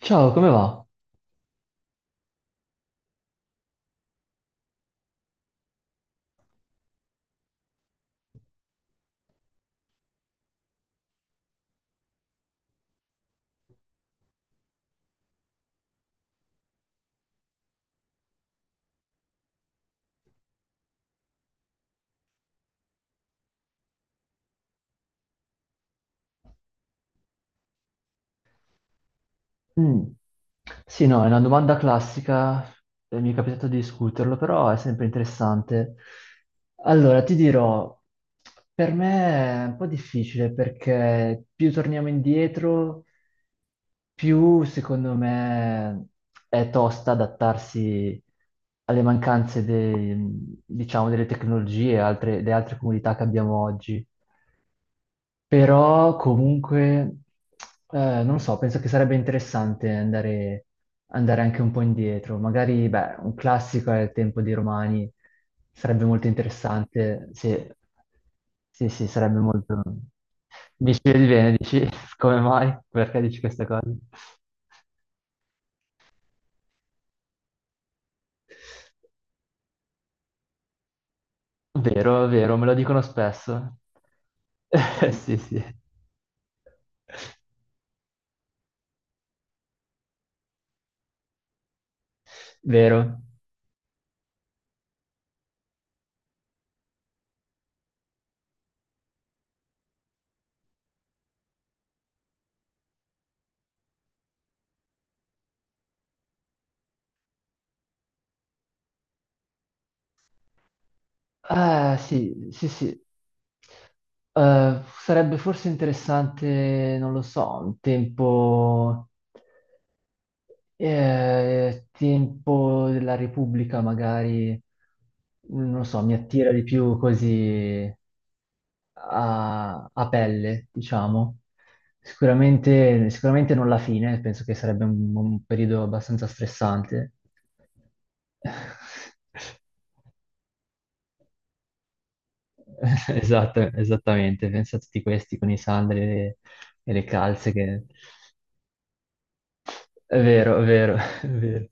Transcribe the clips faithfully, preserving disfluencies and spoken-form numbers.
Ciao, come va? Mm. Sì, no, è una domanda classica, eh, mi è capitato di discuterlo, però è sempre interessante. Allora, ti dirò, per me è un po' difficile perché più torniamo indietro, più secondo me è tosta adattarsi alle mancanze dei- diciamo, delle tecnologie e altre- delle altre comunità che abbiamo oggi. Però comunque, eh, non so, penso che sarebbe interessante andare, andare anche un po' indietro. Magari, beh, un classico è il tempo dei Romani, sarebbe molto interessante. Sì, sì, sì, sarebbe molto... Dici vedi bene, dici come mai? Perché dici questa cosa? Vero, vero, me lo dicono spesso. Sì, sì, vero. Eh, sì, sì, sì. Eh, sarebbe forse interessante, non lo so, un tempo, eh, tempo della Repubblica magari, non lo so, mi attira di più così a, a pelle, diciamo. Sicuramente, sicuramente non la fine, penso che sarebbe un un periodo abbastanza stressante. Esatto, esattamente, pensa a tutti questi con i sandali e le, e le calze che... È vero, è vero, è vero.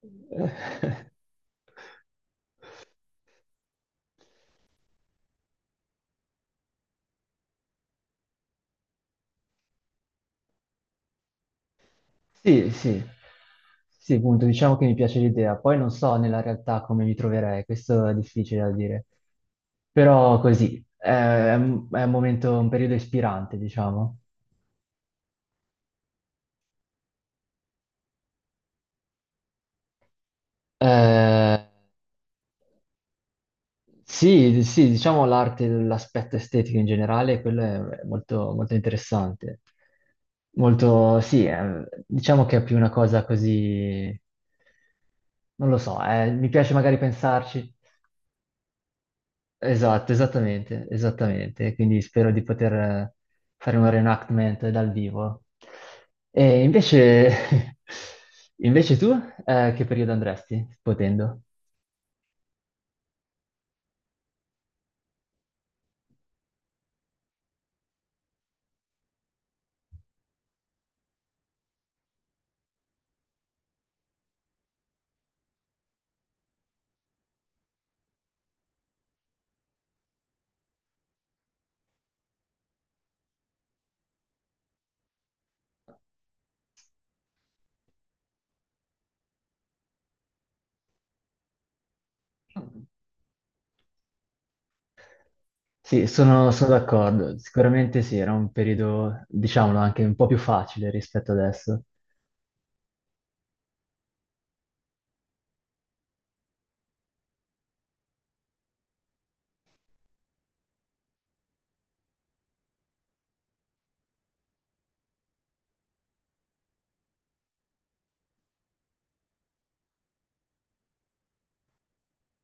Sì, sì, sì, appunto, diciamo che mi piace l'idea. Poi non so nella realtà come mi troverei, questo è difficile da dire. Però così, è, è un è un momento, un periodo ispirante, diciamo. Eh, Sì, sì, diciamo l'arte, l'aspetto estetico in generale, quello è molto, molto interessante. Molto, sì, eh, diciamo che è più una cosa così, non lo so, eh, mi piace magari pensarci. Esatto, esattamente, esattamente. Quindi spero di poter eh, fare un reenactment dal vivo. E invece, invece tu, eh, che periodo andresti, potendo? Sì, sono, sono d'accordo. Sicuramente sì, era un periodo, diciamolo, anche un po' più facile rispetto adesso.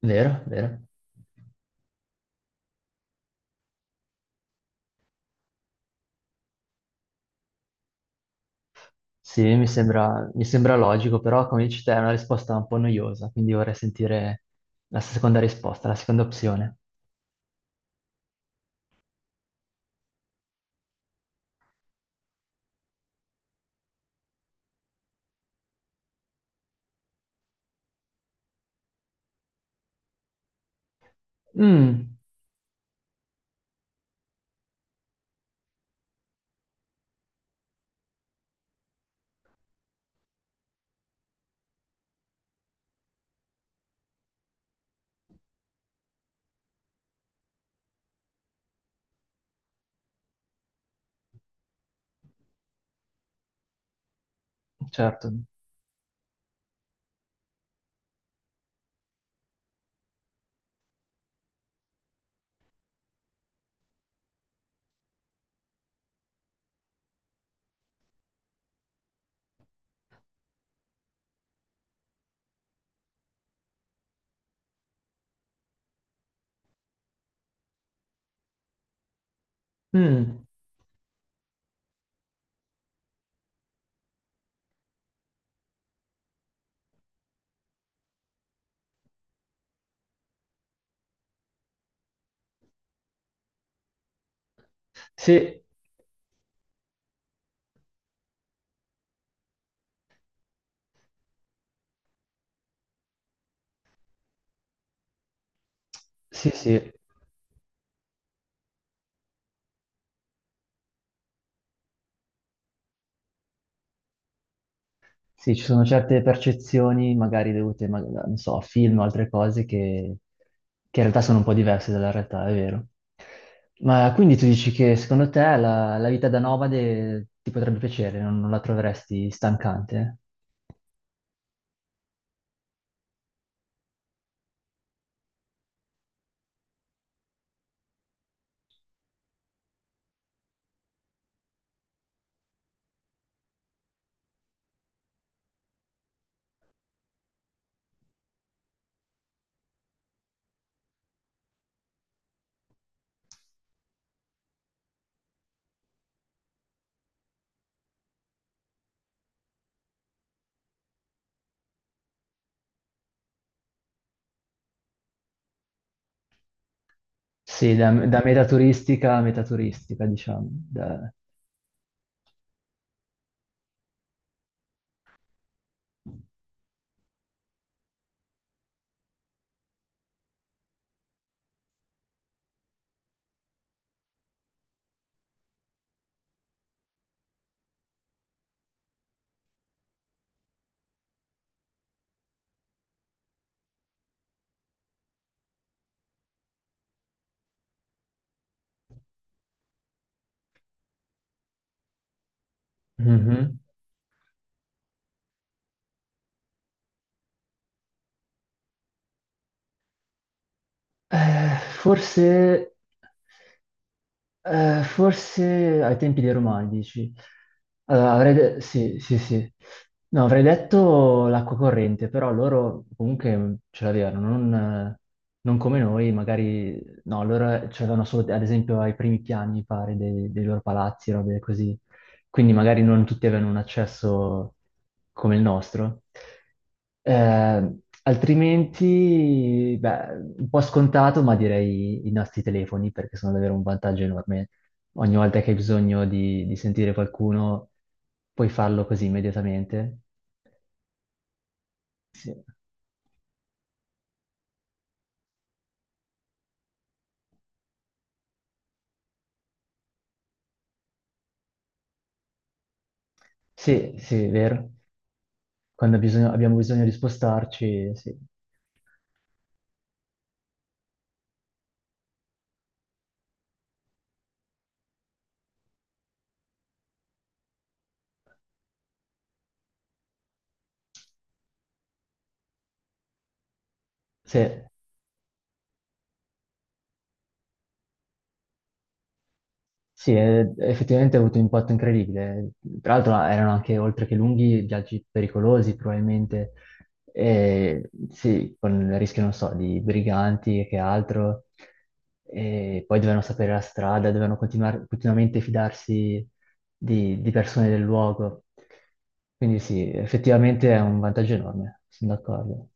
Vero, vero. Sì, mi sembra, mi sembra logico, però come dici te è una risposta un po' noiosa, quindi vorrei sentire la seconda risposta, la seconda opzione. Mm, certo. Mm, sì, sì, sì. Sì, ci sono certe percezioni, magari dovute, ma- non so, a film o altre cose, che, che in realtà sono un po' diverse dalla realtà, è vero. Ma quindi tu dici che secondo te la, la vita da nomade ti potrebbe piacere, non, non la troveresti stancante? Sì, da, da meta turistica a meta turistica, diciamo. da- Mhm. Eh, forse. Eh, forse ai tempi dei Romani, dici? Allora, avrei de- sì, sì, sì. No, avrei detto l'acqua corrente, però loro comunque ce l'avevano, non, eh, non come noi, magari... No, loro ce l'avevano solo, ad esempio, ai primi piani, mi pare, dei, dei loro palazzi, robe così quindi magari non tutti avevano un accesso come il nostro. Eh, altrimenti, beh, un po' scontato, ma direi i nostri telefoni perché sono davvero un vantaggio enorme. Ogni volta che hai bisogno di, di sentire qualcuno, puoi farlo così immediatamente. Sì, sì, sì, è vero. Quando bisogno- abbiamo bisogno di spostarci, sì. Sì. Sì, eh, effettivamente ha avuto un impatto incredibile. Tra l'altro erano anche, oltre che lunghi, viaggi pericolosi probabilmente. E, sì, con il rischio, non so, di briganti e che altro. E poi dovevano sapere la strada, dovevano continuar- continuamente fidarsi di, di persone del luogo. Quindi sì, effettivamente è un vantaggio enorme, sono d'accordo.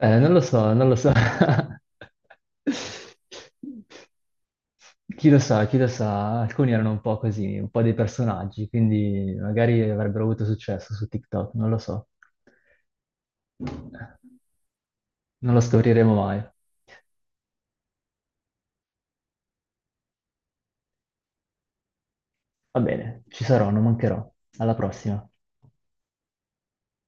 Eh, non lo so, non lo so. Chi lo sa, chi lo sa, alcuni erano un po' così, un po' dei personaggi, quindi magari avrebbero avuto successo su TikTok, non lo so. Non lo scopriremo mai. Va bene, ci sarò, non mancherò. Alla prossima.